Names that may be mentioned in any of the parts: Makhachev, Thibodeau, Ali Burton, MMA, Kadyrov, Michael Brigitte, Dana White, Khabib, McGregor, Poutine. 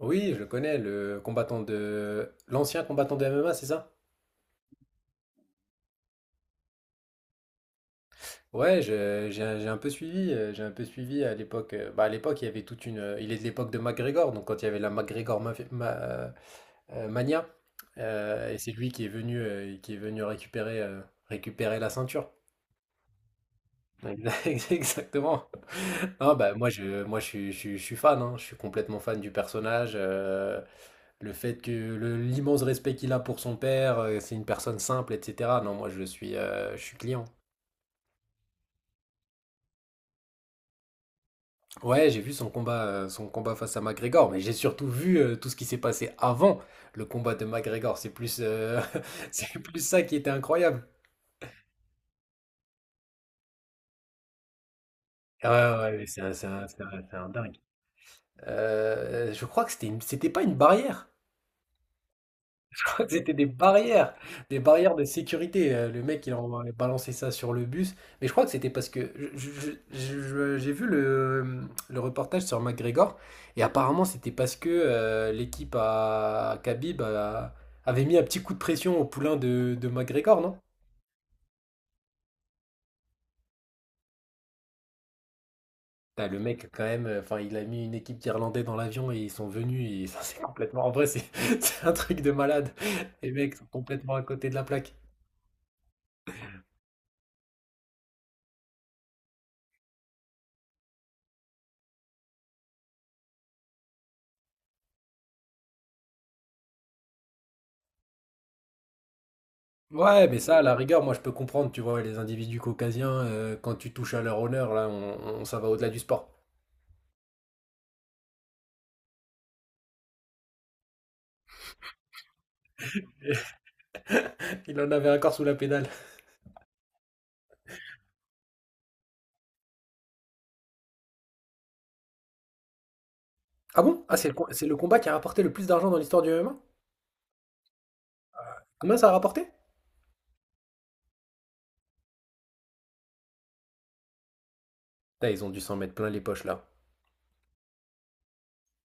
Oui, je le connais, le combattant de... l'ancien combattant de MMA, c'est ça? J'ai un peu suivi, j'ai un peu suivi à l'époque. Bah à l'époque, il y avait toute une... Il est de l'époque de McGregor, donc quand il y avait la McGregor Mania, et c'est lui qui est venu récupérer, récupérer la ceinture. Exactement. Non, bah moi je suis, je suis- je suis fan, hein. Je suis complètement fan du personnage. Le fait que l'immense respect qu'il a pour son père, c'est une personne simple, etc. Non, moi je suis client. Ouais, j'ai vu son combat face à McGregor, mais j'ai surtout vu tout ce qui s'est passé avant le combat de McGregor. C'est plus, c'est plus ça qui était incroyable. Ouais, ouais, mais c'est un, c'est un- c'est un- c'est un dingue. Je crois que c'était pas une barrière. C'était des barrières de sécurité. Le mec, il a balancé ça sur le bus. Mais je crois que c'était parce que j'ai vu le reportage sur McGregor et apparemment c'était parce que l'équipe à Khabib avait mis un petit coup de pression au poulain de McGregor, non? Putain, le mec, quand même, enfin, il a mis une équipe d'Irlandais dans l'avion et ils sont venus et ça, c'est complètement. En vrai, c'est c'est un truc de malade. Les mecs sont complètement à côté de la plaque. Ouais, mais ça, à la rigueur, moi je peux comprendre, tu vois, les individus caucasiens, quand tu touches à leur honneur, là, ça va au-delà du sport. Il en avait un corps sous la pédale. Ah bon? Ah, c'est c'est le combat qui a rapporté le plus d'argent dans l'histoire du MMA? Combien ça a rapporté? Putain, ils ont dû s'en mettre plein les poches là.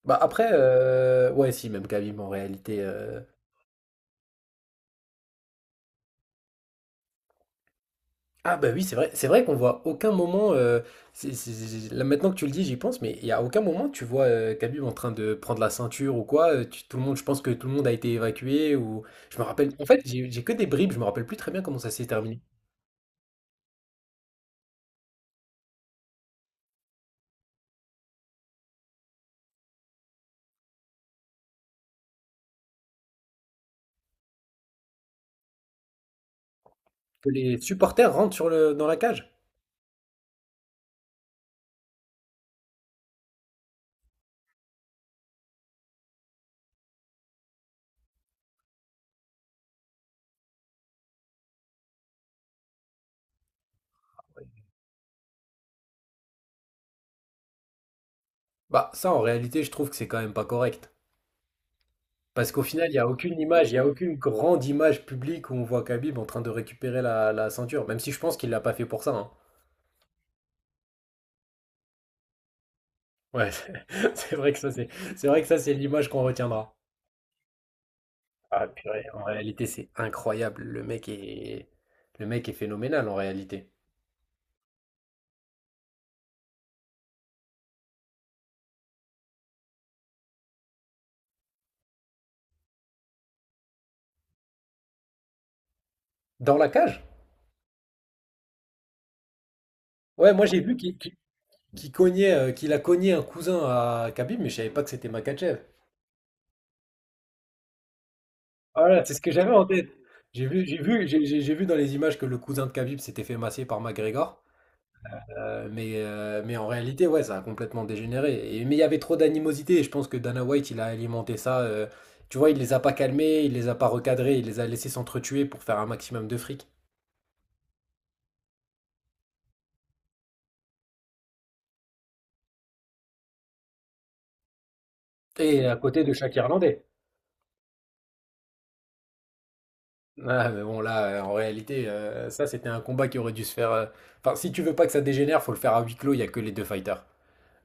Bah après, ouais, si, même Khabib en réalité. Ah bah oui, c'est vrai qu'on voit aucun moment, là maintenant que tu le dis, j'y pense, mais il y a aucun moment tu vois Khabib en train de prendre la ceinture ou quoi, tout le monde, je pense que tout le monde a été évacué ou je me rappelle, en fait j'ai que des bribes, je me rappelle plus très bien comment ça s'est terminé. Que les supporters rentrent sur le, dans la cage. Bah ça en réalité je trouve que c'est quand même pas correct. Parce qu'au final il n'y a aucune image, il n'y a aucune grande image publique où on voit Khabib en train de récupérer la, la ceinture, même si je pense qu'il l'a pas fait pour ça, hein. Ouais, c'est vrai que ça c'est, c'est vrai que ça c'est l'image qu'on retiendra. Ah, purée, en réalité, c'est incroyable. Le mec est phénoménal en réalité. Dans la cage? Ouais, moi j'ai vu qu'il cognait, qu'il a cogné un cousin à Khabib, mais je savais pas que c'était Makhachev. Voilà, c'est ce que j'avais en tête. J'ai vu dans les images que le cousin de Khabib s'était fait masser par McGregor. Mais en réalité, ouais, ça a complètement dégénéré. Mais il y avait trop d'animosité, et je pense que Dana White, il a alimenté ça. Tu vois, il les a pas calmés, il les a pas recadrés, il les a laissés s'entretuer pour faire un maximum de fric. Et à côté de chaque Irlandais. Ah, mais bon, là, en réalité, ça, c'était un combat qui aurait dû se faire. Enfin, si tu veux pas que ça dégénère, faut le faire à huis clos, il n'y a que les deux fighters.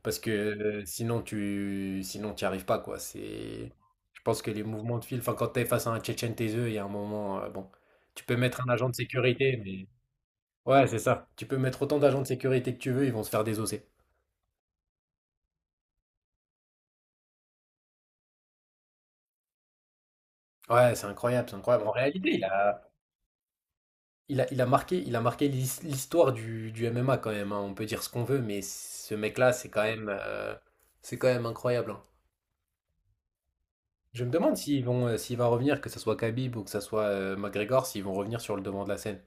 Parce que sinon, t'y arrives pas, quoi. C'est... Je pense que les mouvements de fil, enfin, quand t'es face à un Tchétchène taiseux, il y a un moment, bon, tu peux mettre un agent de sécurité, mais. Ouais, c'est ça. Tu peux mettre autant d'agents de sécurité que tu veux, ils vont se faire désosser. Ouais, c'est incroyable, c'est incroyable. En réalité, il a. Il a marqué l'histoire du MMA quand même, hein. On peut dire ce qu'on veut, mais ce mec-là, c'est quand même incroyable, hein. Je me demande s'ils vont, s'il va revenir, que ce soit Khabib ou que ce soit McGregor, s'ils vont revenir sur le devant de la scène.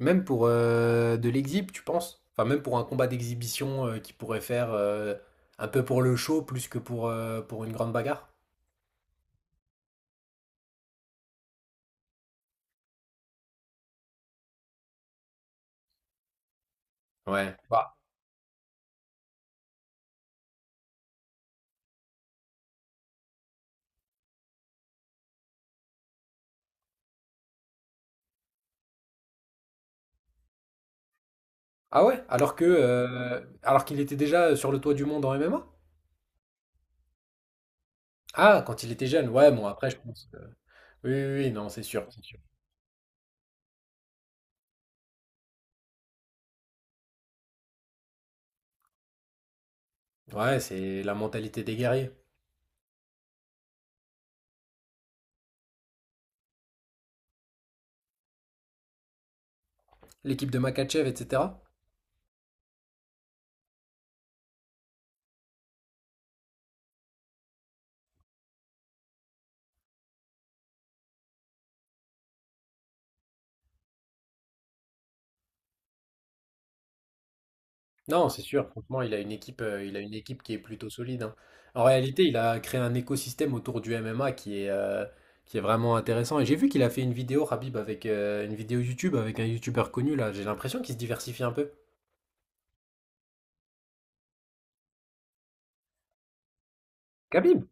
Même pour de l'exhib, tu penses? Enfin, même pour un combat d'exhibition qui pourrait faire un peu pour le show plus que pour une grande bagarre. Ouais. Bah. Ah ouais? Alors que, alors qu'il était déjà sur le toit du monde en MMA? Ah, quand il était jeune. Ouais, bon, après, je pense. Oui, oui, oui, non, c'est sûr, c'est sûr. Ouais, c'est la mentalité des guerriers. L'équipe de Makachev, etc. Non, c'est sûr. Franchement, il a une équipe, il a une équipe qui est plutôt solide, hein. En réalité, il a créé un écosystème autour du MMA qui est vraiment intéressant. Et j'ai vu qu'il a fait une vidéo, Khabib, avec une vidéo YouTube avec un YouTuber connu là. J'ai l'impression qu'il se diversifie un peu. Khabib?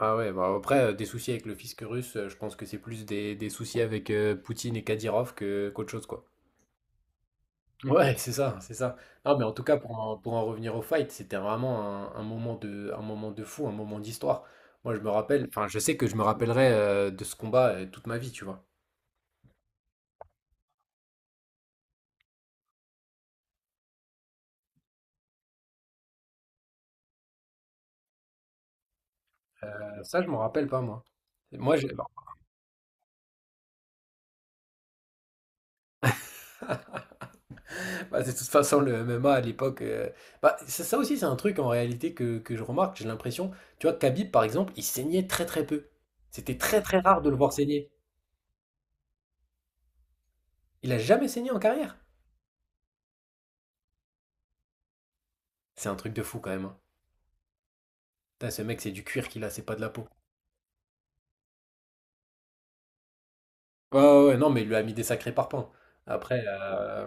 Ah ouais, bah après, des soucis avec le fisc russe, je pense que c'est plus des soucis avec Poutine et Kadyrov que qu'autre chose, quoi. Ouais, c'est ça, c'est ça. Non, mais en tout cas, pour en revenir au fight, c'était vraiment un moment de fou, un moment d'histoire. Moi, je me rappelle, enfin, je sais que je me rappellerai de ce combat toute ma vie, tu vois. Ça, je m'en rappelle pas, moi. Moi, j'ai- bah, de toute façon, le MMA à l'époque, bah, ça aussi, c'est un truc en réalité que je remarque. J'ai l'impression, tu vois, Khabib, par exemple, il saignait très très peu. C'était très très rare de le voir saigner. Il a jamais saigné en carrière. C'est un truc de fou quand même, hein. Putain, ce mec, c'est du cuir qu'il a, c'est pas de la peau. Ouais, ouais, ouais, non, mais il lui a mis des sacrés parpaings. Après,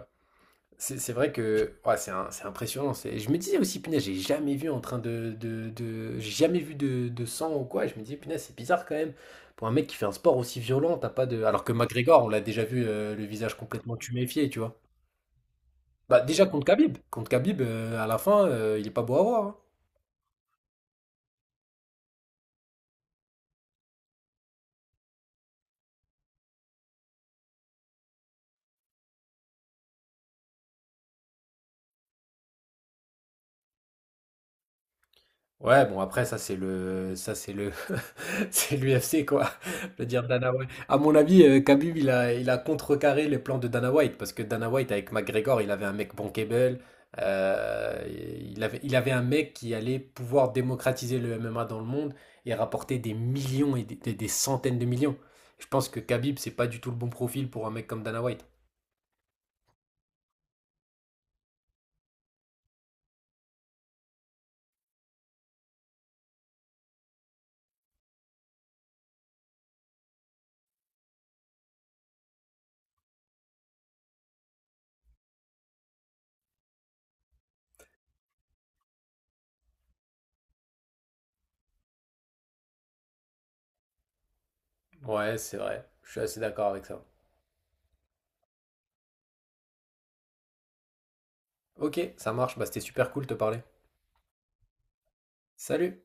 c'est vrai que ouais, c'est impressionnant. Je me disais aussi, punaise, j'ai jamais vu de sang ou quoi. Je me disais, punaise, c'est bizarre quand même. Pour un mec qui fait un sport aussi violent, t'as pas de. Alors que McGregor, on l'a déjà vu le visage complètement tuméfié, tu vois. Bah déjà contre Khabib, à la fin, il est pas beau à voir, hein. Ouais, bon après ça c'est le c'est l'UFC quoi, je veux dire Dana White. À mon avis, Khabib il a contrecarré les plans de Dana White parce que Dana White avec McGregor, il avait un mec bankable, euh, il avait un mec qui allait pouvoir démocratiser le MMA dans le monde et rapporter des millions et des centaines de millions. Je pense que Khabib c'est pas du tout le bon profil pour un mec comme Dana White. Ouais, c'est vrai. Je suis assez d'accord avec ça. OK, ça marche, bah c'était super cool de te parler. Salut.